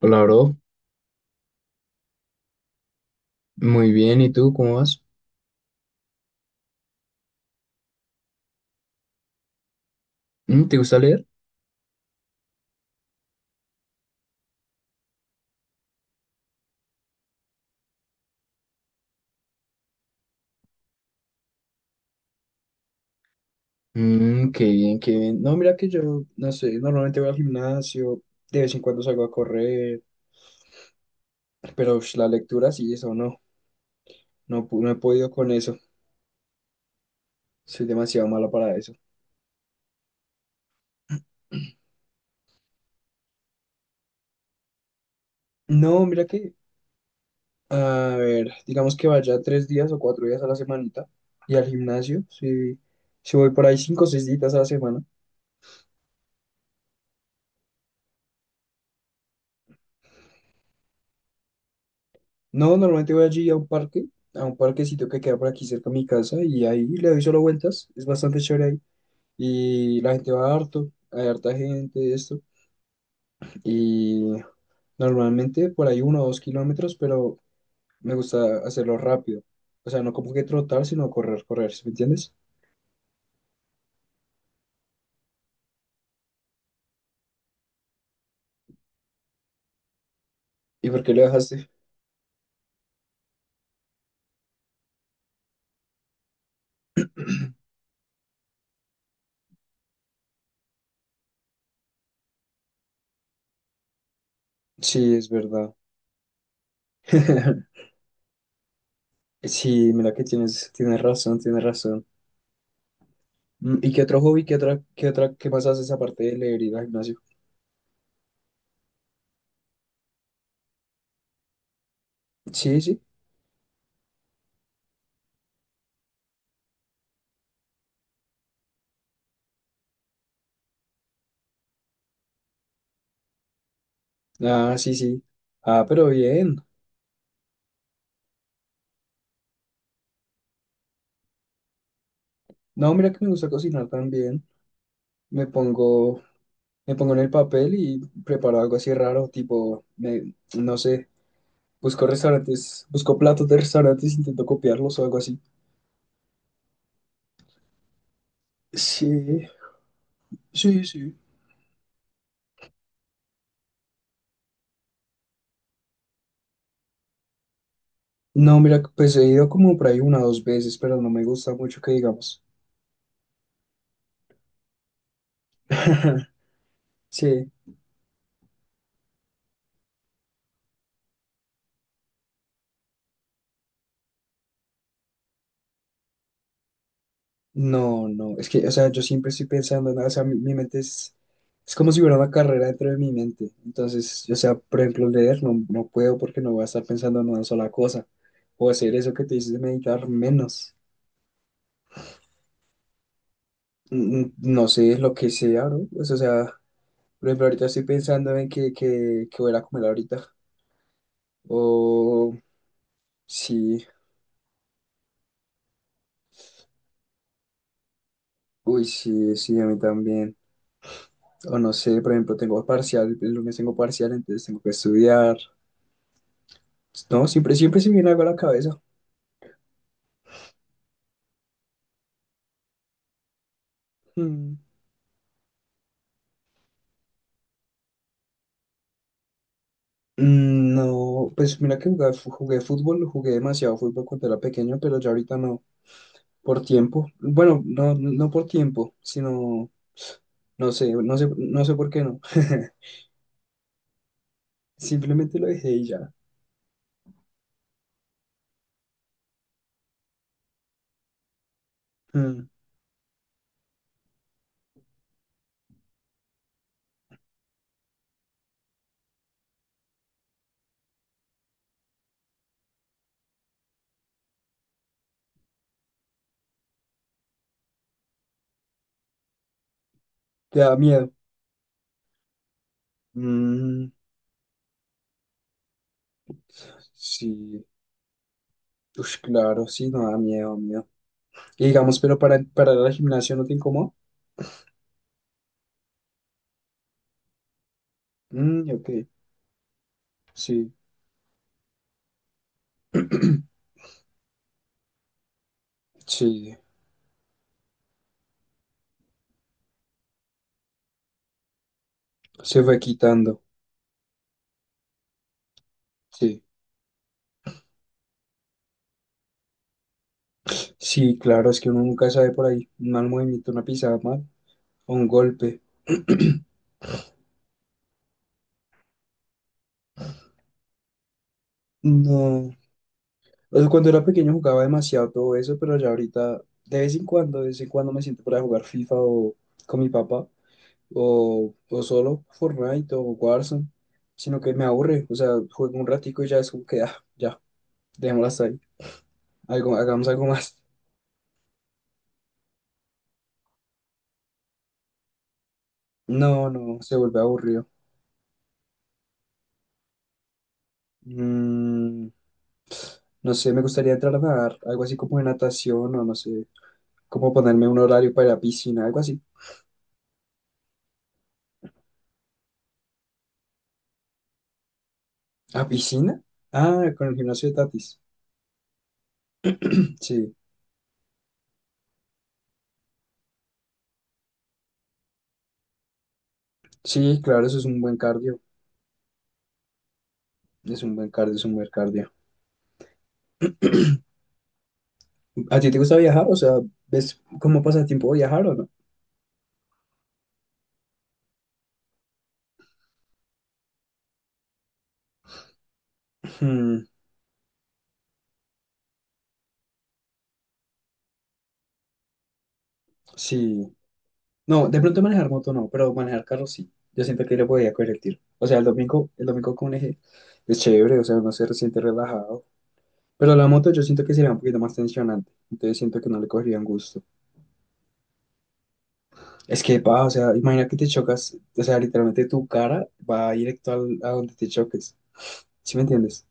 Hola, bro. Muy bien, ¿y tú cómo vas? Mm, ¿te gusta leer? Mm, qué bien, qué bien. No, mira que yo, no sé, normalmente voy al gimnasio, de vez en cuando salgo a correr, pero ush, la lectura sí, eso no, no, no he podido con eso. Soy demasiado malo para eso. No, mira que, a ver, digamos que vaya 3 días o 4 días a la semanita y al gimnasio, sí, sí voy por ahí 5 o 6 días a la semana. No, normalmente voy allí a un parque, a un parquecito que queda por aquí cerca de mi casa y ahí le doy solo vueltas, es bastante chévere ahí y la gente va harto, hay harta gente, esto y normalmente por ahí 1 o 2 kilómetros, pero me gusta hacerlo rápido, o sea, no como que trotar, sino correr, correr, sí, ¿me entiendes? ¿Y por qué lo dejaste? Sí, es verdad. Sí, mira que tienes, tienes razón, tienes razón. Mm, ¿y qué otro hobby, qué más haces aparte de leer y ir al gimnasio? Sí, sí. Ah, sí, sí. Ah, pero bien. No, mira que me gusta cocinar también. Me pongo, me pongo en el papel y preparo algo así raro, tipo, no sé, busco restaurantes, busco platos de restaurantes, intento copiarlos o algo así. Sí, sí, sí. No, mira, pues he ido como por ahí una o dos veces, pero no me gusta mucho que digamos. Sí. No, no, es que, o sea, yo siempre estoy pensando, o sea, mi mente es como si hubiera una carrera dentro de mi mente. Entonces, o sea, por ejemplo, leer no, no puedo porque no voy a estar pensando en una sola cosa. O hacer eso que te dices de meditar menos. No sé lo que sea, ¿no? Pues, o sea, por ejemplo, ahorita estoy pensando en que voy a ir a comer ahorita. O sí, uy, sí, sí, a mí también. O no sé, por ejemplo, tengo parcial, el lunes tengo parcial, entonces tengo que estudiar. No, siempre, siempre se me viene algo a la cabeza. Mm. Mm, no, pues mira que jugué demasiado fútbol cuando era pequeño, pero ya ahorita no, por tiempo. Bueno, no, no por tiempo, sino, no sé por qué no. Simplemente lo dejé y ya. Mm, Te da miedo. Mm, sí, pues claro, sí, no da miedo, miedo. Y digamos, pero para ir al gimnasio no te incomoda. Mm, ok, sí, sí, se fue quitando. Sí. Sí, claro, es que uno nunca sabe por ahí. Un mal movimiento, una pisada mal o un golpe. No. O sea, cuando era pequeño jugaba demasiado todo eso, pero ya ahorita, de vez en cuando me siento para jugar FIFA o con mi papá, o solo Fortnite o Warzone, sino que me aburre. O sea, juego un ratico y ya es como que, ah, ya, dejémoslo hasta ahí. Algo, hagamos algo más. No, no, se vuelve aburrido. Mm, no sé, me gustaría entrar a nadar, algo así como de natación o no sé, como ponerme un horario para ir a piscina, algo así. ¿A piscina? Ah, con el gimnasio de Tatis. Sí, sí, claro, eso es un buen cardio. Es un buen cardio, es un buen cardio. ¿A ti te gusta viajar? O sea, ¿ves cómo pasa el tiempo viajar o no? Hmm, sí. No, de pronto manejar moto no, pero manejar carro sí. Yo siento que le podía coger el tiro. O sea, el domingo con un eje es chévere, o sea, uno se siente relajado. Pero la moto yo siento que sería un poquito más tensionante. Entonces siento que no le cogerían gusto. Es que va, o sea, imagina que te chocas, o sea, literalmente tu cara va directo a donde te choques. ¿Sí me entiendes?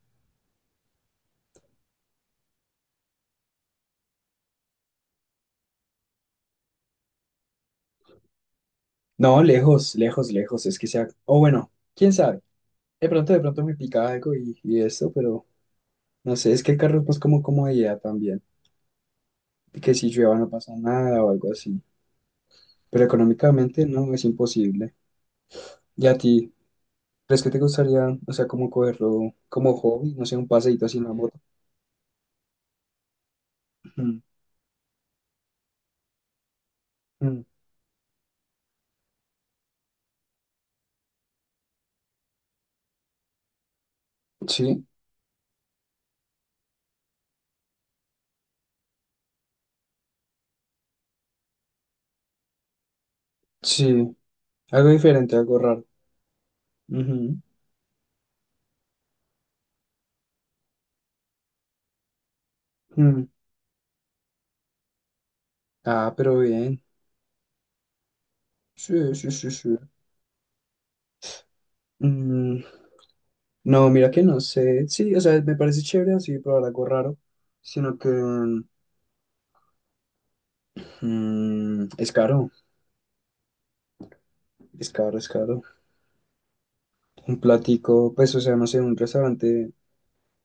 No, lejos, lejos, lejos. Es que sea. O bueno, quién sabe. De pronto me pica algo y esto, pero no sé, es que el carro es más como comodidad también. Y que si llueva no pasa nada o algo así. Pero económicamente no, es imposible. ¿Y a ti? ¿Crees que te gustaría, o sea, como cogerlo como hobby? No sé, un paseíto así en la moto. Ujú. Mm. Sí, sí. Algo diferente, algo raro. Ujú. Mm, Ah, pero bien. Sí, sí, sí, sí. Mm, no, mira que no sé. Sí, o sea, me parece chévere así probar algo raro, sino que es caro, es caro, es caro. Un platico, pues, o sea, no sé, un restaurante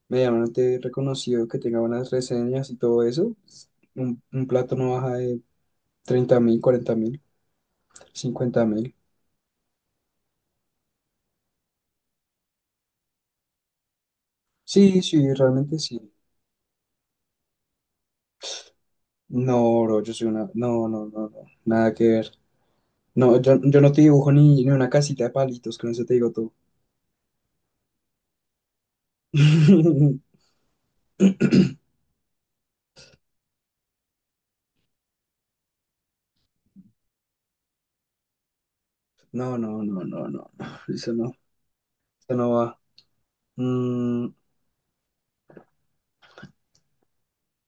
medianamente reconocido que tenga buenas reseñas y todo eso, un plato no baja de 30.000, 40.000, 50.000. Sí, sí, realmente sí. No, bro, yo soy una. No, no, no, no, nada que ver. No, yo no te dibujo ni una casita de palitos, con eso te digo todo. No, no, no, no, no, no, eso no, eso no va. Mm,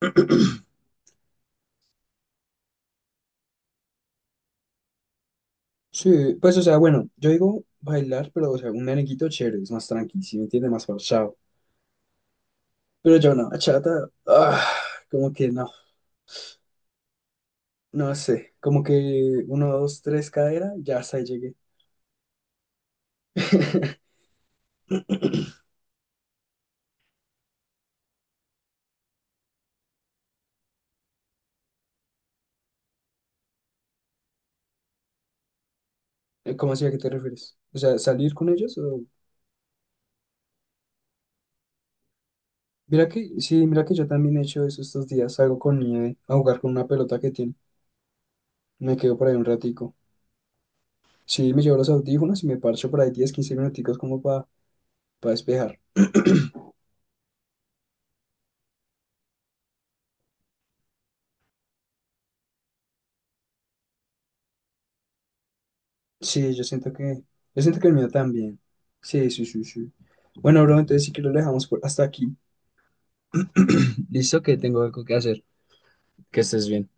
sí, pues, o sea, bueno, yo digo bailar, pero, o sea, un merenguito chévere, es más tranqui, si me entiende, más pausado. Pero yo no, bachata, ah, como que no, no sé, como que uno, dos, tres cadera, ya hasta ahí llegué. ¿Cómo así, a qué te refieres? O sea, ¿salir con ellos? O Mira que, sí, mira que yo también he hecho eso estos días. Salgo con nieve a jugar con una pelota que tiene. Me quedo por ahí un ratico. Sí, me llevo los audífonos y me parcho por ahí 10 15 minuticos como para despejar. Sí, yo siento que el mío también. Sí, sí, sí, sí. Bueno, bro, entonces sí que lo dejamos por hasta aquí. Listo, que tengo algo que hacer. Que estés bien.